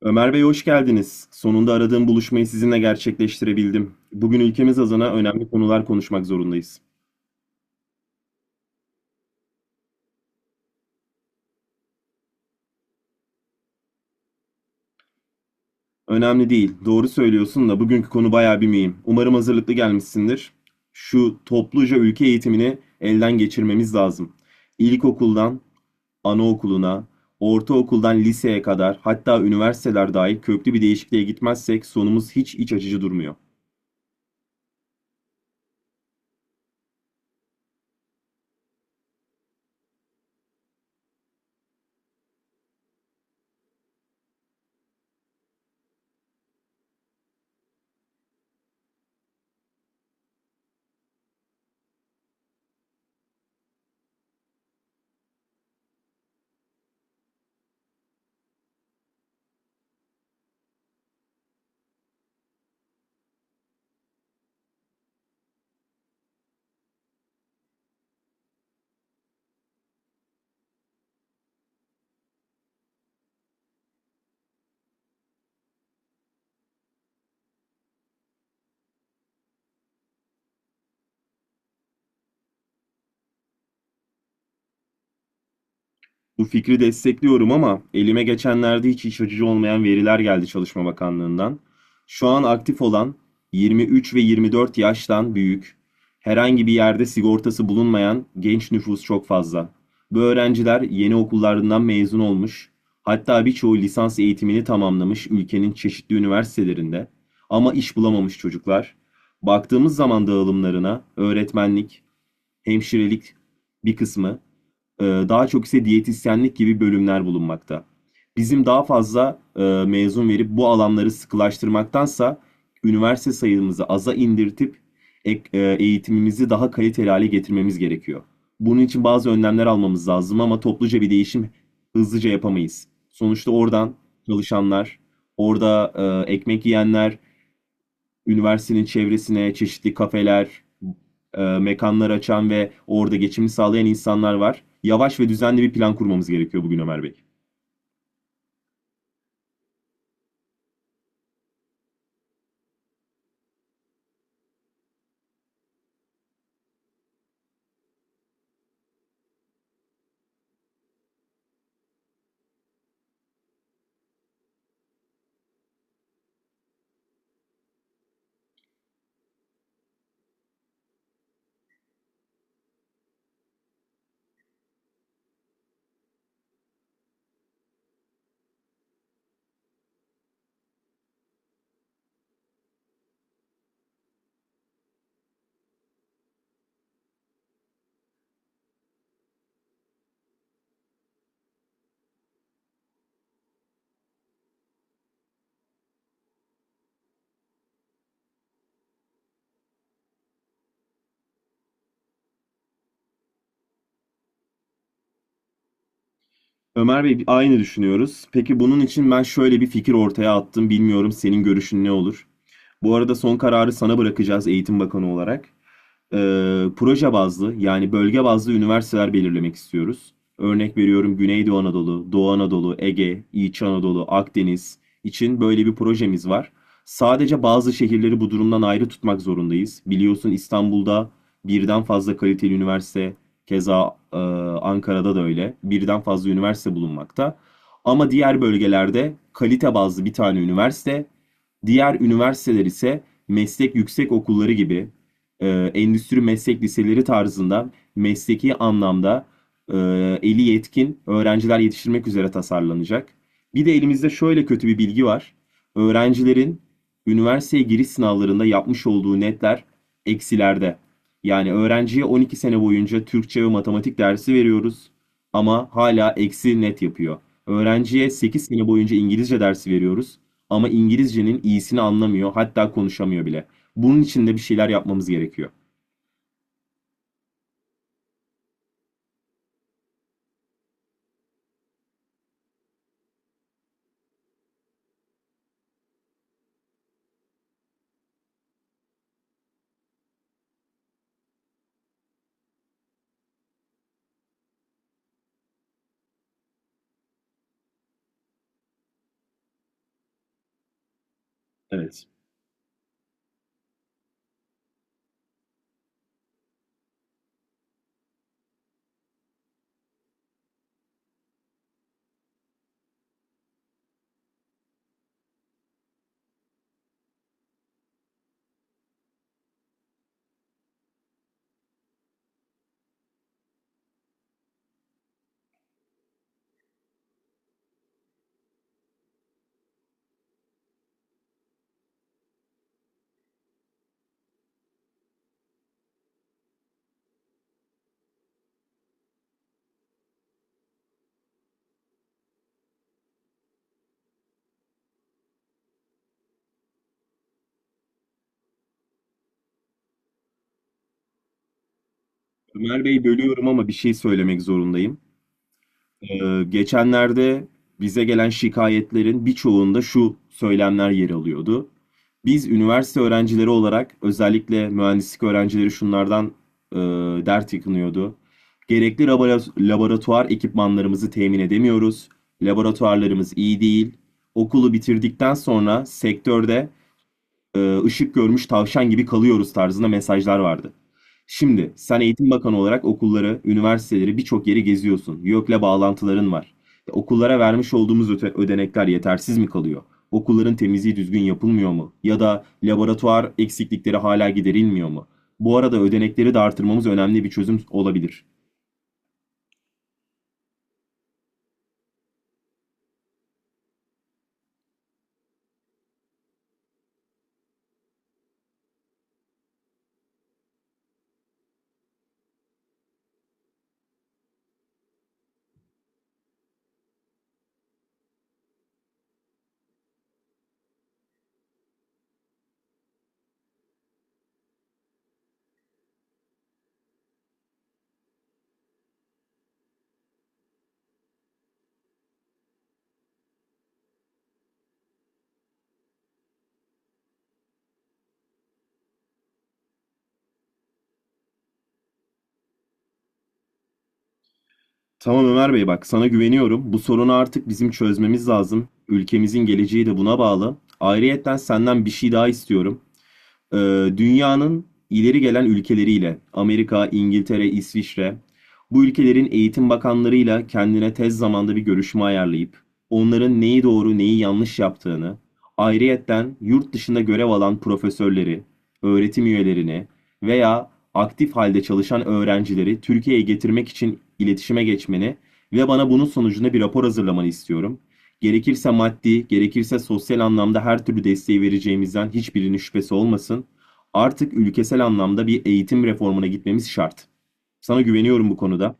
Ömer Bey hoş geldiniz. Sonunda aradığım buluşmayı sizinle gerçekleştirebildim. Bugün ülkemiz adına önemli konular konuşmak zorundayız. Önemli değil, doğru söylüyorsun da bugünkü konu bayağı bir mühim. Umarım hazırlıklı gelmişsindir. Şu topluca ülke eğitimini elden geçirmemiz lazım. İlkokuldan anaokuluna, ortaokuldan liseye kadar hatta üniversiteler dahil köklü bir değişikliğe gitmezsek sonumuz hiç iç açıcı durmuyor. Bu fikri destekliyorum ama elime geçenlerde hiç iç açıcı olmayan veriler geldi Çalışma Bakanlığı'ndan. Şu an aktif olan 23 ve 24 yaştan büyük, herhangi bir yerde sigortası bulunmayan genç nüfus çok fazla. Bu öğrenciler yeni okullarından mezun olmuş, hatta birçoğu lisans eğitimini tamamlamış ülkenin çeşitli üniversitelerinde ama iş bulamamış çocuklar. Baktığımız zaman dağılımlarına öğretmenlik, hemşirelik bir kısmı, daha çok ise diyetisyenlik gibi bölümler bulunmakta. Bizim daha fazla mezun verip bu alanları sıkılaştırmaktansa üniversite sayımızı aza indirtip eğitimimizi daha kaliteli hale getirmemiz gerekiyor. Bunun için bazı önlemler almamız lazım ama topluca bir değişim hızlıca yapamayız. Sonuçta oradan çalışanlar, orada ekmek yiyenler, üniversitenin çevresine çeşitli kafeler, mekanlar açan ve orada geçimini sağlayan insanlar var. Yavaş ve düzenli bir plan kurmamız gerekiyor bugün Ömer Bey. Ömer Bey aynı düşünüyoruz. Peki bunun için ben şöyle bir fikir ortaya attım. Bilmiyorum senin görüşün ne olur? Bu arada son kararı sana bırakacağız Eğitim Bakanı olarak. Proje bazlı yani bölge bazlı üniversiteler belirlemek istiyoruz. Örnek veriyorum Güneydoğu Anadolu, Doğu Anadolu, Ege, İç Anadolu, Akdeniz için böyle bir projemiz var. Sadece bazı şehirleri bu durumdan ayrı tutmak zorundayız. Biliyorsun İstanbul'da birden fazla kaliteli üniversite, keza Ankara'da da öyle. Birden fazla üniversite bulunmakta. Ama diğer bölgelerde kalite bazlı bir tane üniversite, diğer üniversiteler ise meslek yüksek okulları gibi e, endüstri meslek liseleri tarzında mesleki anlamda e, eli yetkin öğrenciler yetiştirmek üzere tasarlanacak. Bir de elimizde şöyle kötü bir bilgi var. Öğrencilerin üniversiteye giriş sınavlarında yapmış olduğu netler eksilerde. Yani öğrenciye 12 sene boyunca Türkçe ve matematik dersi veriyoruz ama hala eksi net yapıyor. Öğrenciye 8 sene boyunca İngilizce dersi veriyoruz ama İngilizcenin iyisini anlamıyor, hatta konuşamıyor bile. Bunun için de bir şeyler yapmamız gerekiyor. Evet. Ömer Bey bölüyorum ama bir şey söylemek zorundayım. Geçenlerde bize gelen şikayetlerin birçoğunda şu söylemler yer alıyordu. Biz üniversite öğrencileri olarak özellikle mühendislik öğrencileri şunlardan e, dert yakınıyordu. Gerekli laboratuvar ekipmanlarımızı temin edemiyoruz. Laboratuvarlarımız iyi değil. Okulu bitirdikten sonra sektörde ışık görmüş tavşan gibi kalıyoruz tarzında mesajlar vardı. Şimdi sen eğitim bakanı olarak okulları, üniversiteleri birçok yeri geziyorsun. YÖK'le bağlantıların var. Okullara vermiş olduğumuz ödenekler yetersiz mi kalıyor? Okulların temizliği düzgün yapılmıyor mu? Ya da laboratuvar eksiklikleri hala giderilmiyor mu? Bu arada ödenekleri de artırmamız önemli bir çözüm olabilir. Tamam Ömer Bey bak sana güveniyorum. Bu sorunu artık bizim çözmemiz lazım. Ülkemizin geleceği de buna bağlı. Ayrıyetten senden bir şey daha istiyorum. Ee, Dünyanın ileri gelen ülkeleriyle Amerika, İngiltere, İsviçre bu ülkelerin eğitim bakanlarıyla kendine tez zamanda bir görüşme ayarlayıp onların neyi doğru neyi yanlış yaptığını ayrıyetten yurt dışında görev alan profesörleri, öğretim üyelerini veya aktif halde çalışan öğrencileri Türkiye'ye getirmek için iletişime geçmeni ve bana bunun sonucunda bir rapor hazırlamanı istiyorum. Gerekirse maddi, gerekirse sosyal anlamda her türlü desteği vereceğimizden hiçbirinin şüphesi olmasın. Artık ülkesel anlamda bir eğitim reformuna gitmemiz şart. Sana güveniyorum bu konuda.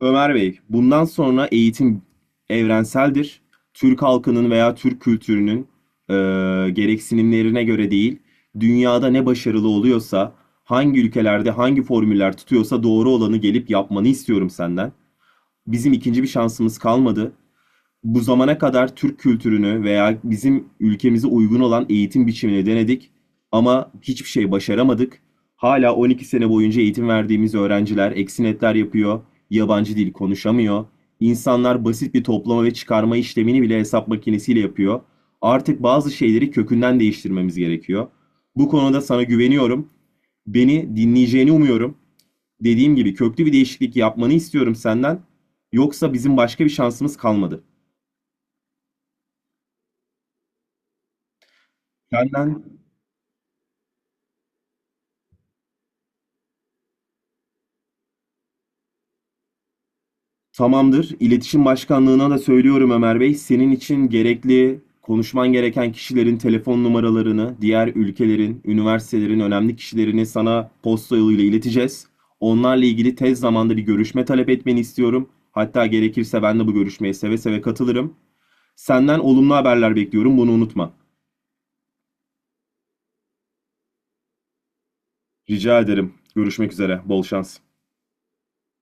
Ömer Bey, bundan sonra eğitim evrenseldir. Türk halkının veya Türk kültürünün e, gereksinimlerine göre değil, dünyada ne başarılı oluyorsa, hangi ülkelerde hangi formüller tutuyorsa doğru olanı gelip yapmanı istiyorum senden. Bizim ikinci bir şansımız kalmadı. Bu zamana kadar Türk kültürünü veya bizim ülkemize uygun olan eğitim biçimini denedik ama hiçbir şey başaramadık. Hala 12 sene boyunca eğitim verdiğimiz öğrenciler eksi netler yapıyor, yabancı dil konuşamıyor. İnsanlar basit bir toplama ve çıkarma işlemini bile hesap makinesiyle yapıyor. Artık bazı şeyleri kökünden değiştirmemiz gerekiyor. Bu konuda sana güveniyorum. Beni dinleyeceğini umuyorum. Dediğim gibi köklü bir değişiklik yapmanı istiyorum senden. Yoksa bizim başka bir şansımız kalmadı. Senden. Tamamdır. İletişim Başkanlığı'na da söylüyorum Ömer Bey. Senin için gerekli, konuşman gereken kişilerin telefon numaralarını, diğer ülkelerin, üniversitelerin önemli kişilerini sana posta yoluyla ileteceğiz. Onlarla ilgili tez zamanda bir görüşme talep etmeni istiyorum. Hatta gerekirse ben de bu görüşmeye seve seve katılırım. Senden olumlu haberler bekliyorum, bunu unutma. Rica ederim. Görüşmek üzere. Bol şans.